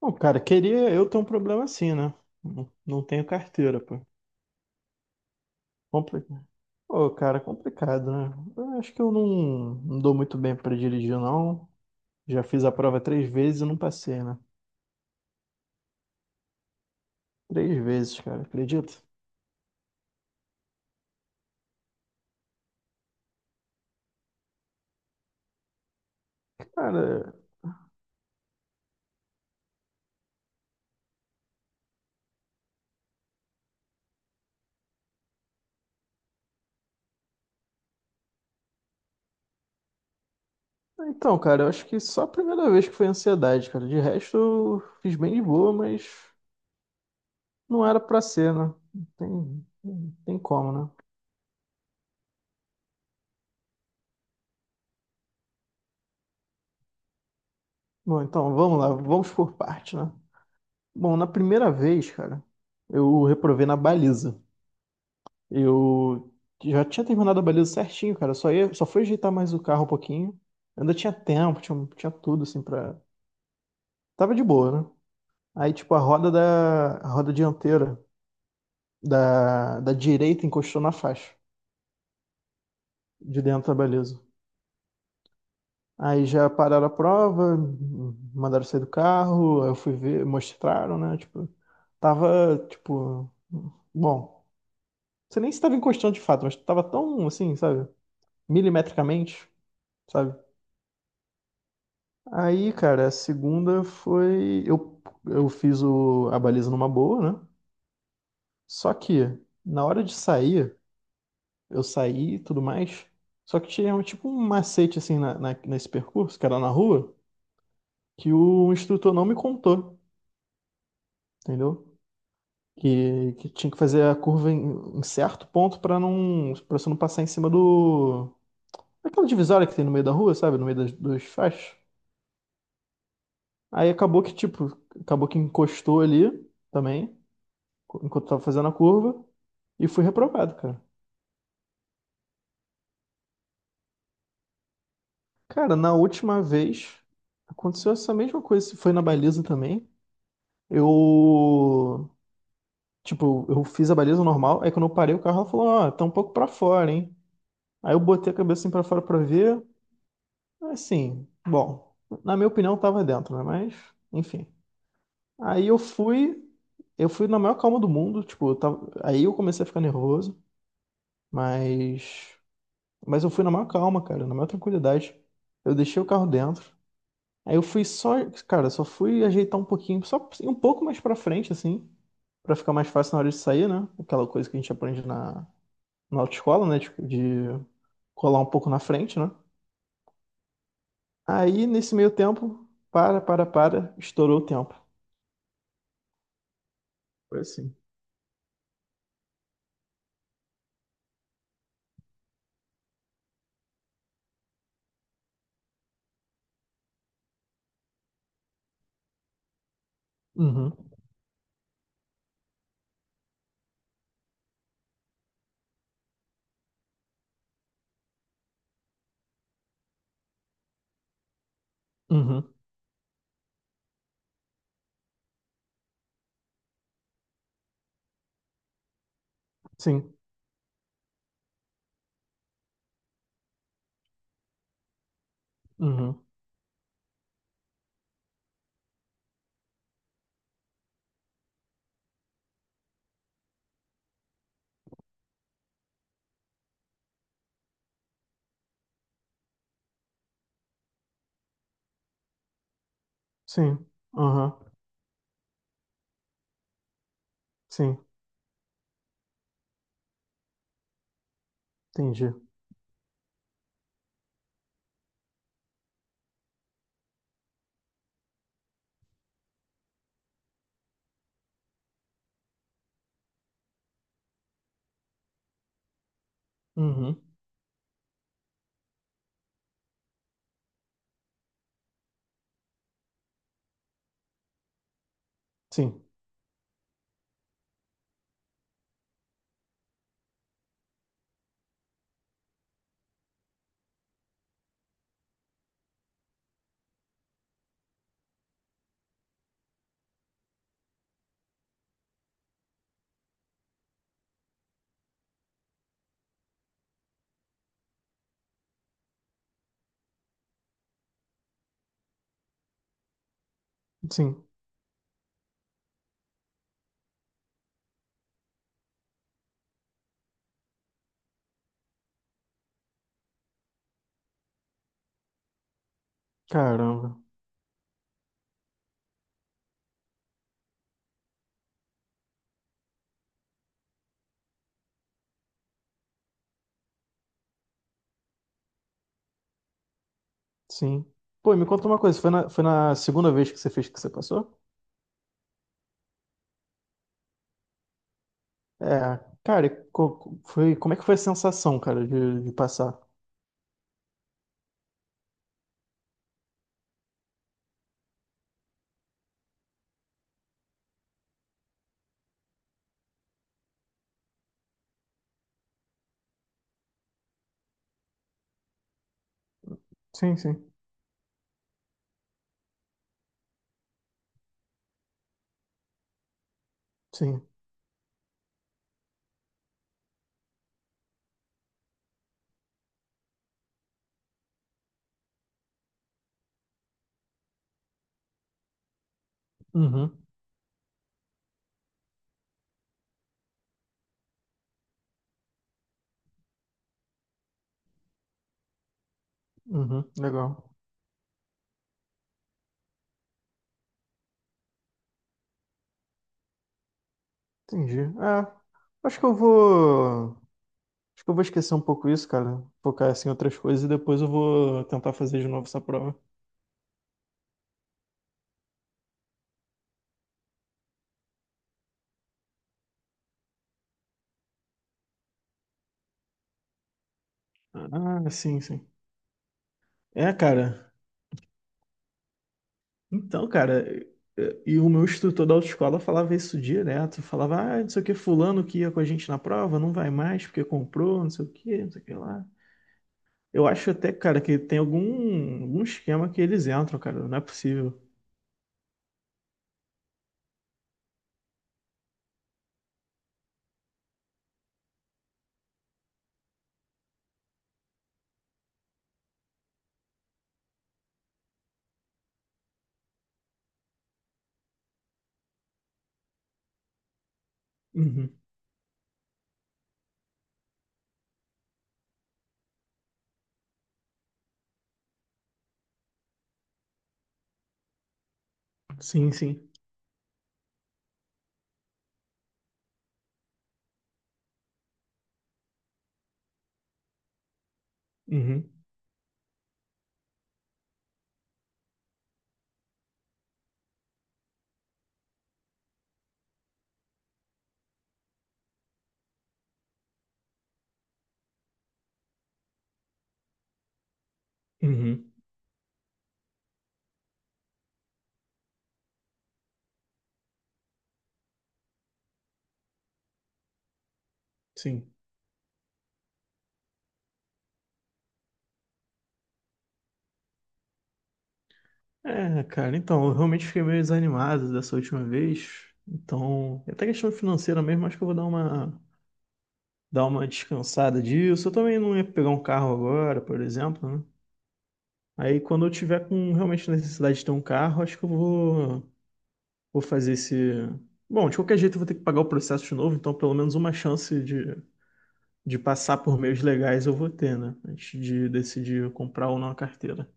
Pô, cara, queria eu ter um problema assim, né? Não tenho carteira, pô. Complicado. Pô, cara, complicado, né? Eu acho que eu não dou muito bem pra dirigir, não. Já fiz a prova três vezes e não passei, né? Três vezes, cara, acredita? Cara, cara, eu acho que só a primeira vez que foi ansiedade, cara. De resto, eu fiz bem de boa, mas não era pra ser, né? Não tem como, né? Bom, então, vamos lá, vamos por parte, né? Bom, na primeira vez, cara, eu reprovei na baliza. Eu já tinha terminado a baliza certinho, cara. Só fui ajeitar mais o carro um pouquinho. Ainda tinha tempo, tinha tudo assim pra. Tava de boa, né? Aí, tipo, a roda dianteira da direita encostou na faixa de dentro da baliza. Aí já pararam a prova, mandaram sair do carro, aí eu fui ver, mostraram, né? Tipo, tava, tipo, bom, você nem estava encostando de fato, mas tava tão assim, sabe? Milimetricamente, sabe? Aí, cara, a segunda foi. Eu a baliza numa boa, né? Só que, na hora de sair, eu saí e tudo mais. Só que tinha um, tipo um macete, assim, nesse percurso, que era na rua, que o instrutor não me contou, entendeu? Que tinha que fazer a curva em certo ponto pra não, para você não passar em cima do. Aquela divisória que tem no meio da rua, sabe? No meio das, dos faixas. Aí acabou que, tipo, acabou que encostou ali também. Enquanto eu tava fazendo a curva e fui reprovado, cara. Cara, na última vez aconteceu essa mesma coisa, se foi na baliza também. Eu, tipo, eu fiz a baliza normal, aí quando eu parei o carro, ela falou: "Ó, tá um pouco pra fora, hein?". Aí eu botei a cabeça assim pra fora pra ver. Assim, bom, na minha opinião tava dentro, né? Mas, enfim. Aí eu fui, eu fui na maior calma do mundo, tipo, aí eu comecei a ficar nervoso, mas Mas eu fui na maior calma, cara, na maior tranquilidade. Eu deixei o carro dentro. Aí eu fui só, cara, só fui ajeitar um pouquinho, só um pouco mais pra frente, assim, pra ficar mais fácil na hora de sair, né? Aquela coisa que a gente aprende na autoescola, né? De colar um pouco na frente, né? Aí, nesse meio tempo, estourou o tempo. Foi assim. Uhum, uhum, sim, uhum, sim, aham, sim, entendi. Uhum, sim, sim, caramba. Sim. Pô, e me conta uma coisa, foi na segunda vez que você fez que você passou? É, cara, foi, como é que foi a sensação, cara, de passar? Sim, sim, sim. Uhum, uhum, legal. Entendi. É, acho que eu vou, acho que eu vou esquecer um pouco isso, cara, focar assim em outras coisas e depois eu vou tentar fazer de novo essa prova. Ah, sim, sim. É, cara, Então, cara, e o meu instrutor da autoescola falava isso direto. Falava, ah, não sei o que, fulano que ia com a gente na prova, não vai mais porque comprou, não sei o que, não sei o que lá. Eu acho até, cara, que tem algum esquema que eles entram, cara, não é possível. Uhum. Sim, sim. Uhum. Uhum. Sim. É, cara, então, eu realmente fiquei meio desanimado dessa última vez. Então, é até questão financeira mesmo, acho que eu vou dar uma descansada disso. Eu também não ia pegar um carro agora, por exemplo, né? Aí quando eu tiver com realmente necessidade de ter um carro, acho que eu vou, vou fazer esse. Bom, de qualquer jeito eu vou ter que pagar o processo de novo, então pelo menos uma chance de passar por meios legais eu vou ter, né? Antes de decidir comprar ou não a carteira.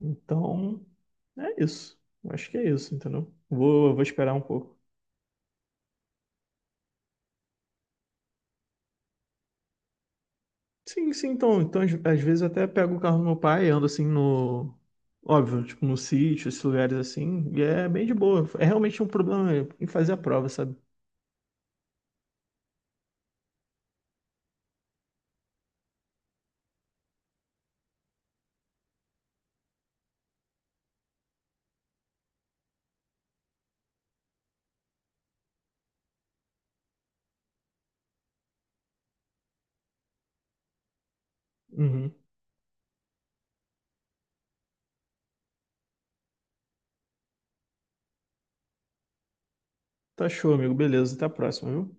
Então, é isso. Eu acho que é isso, entendeu? Vou esperar um pouco. Sim, sim, então, então às vezes eu até pego o carro do meu pai e ando assim no. Óbvio, tipo no sítio, esses lugares assim, e é bem de boa. É realmente um problema em fazer a prova, sabe? Uhum. Tá show, amigo. Beleza, até a próxima, viu?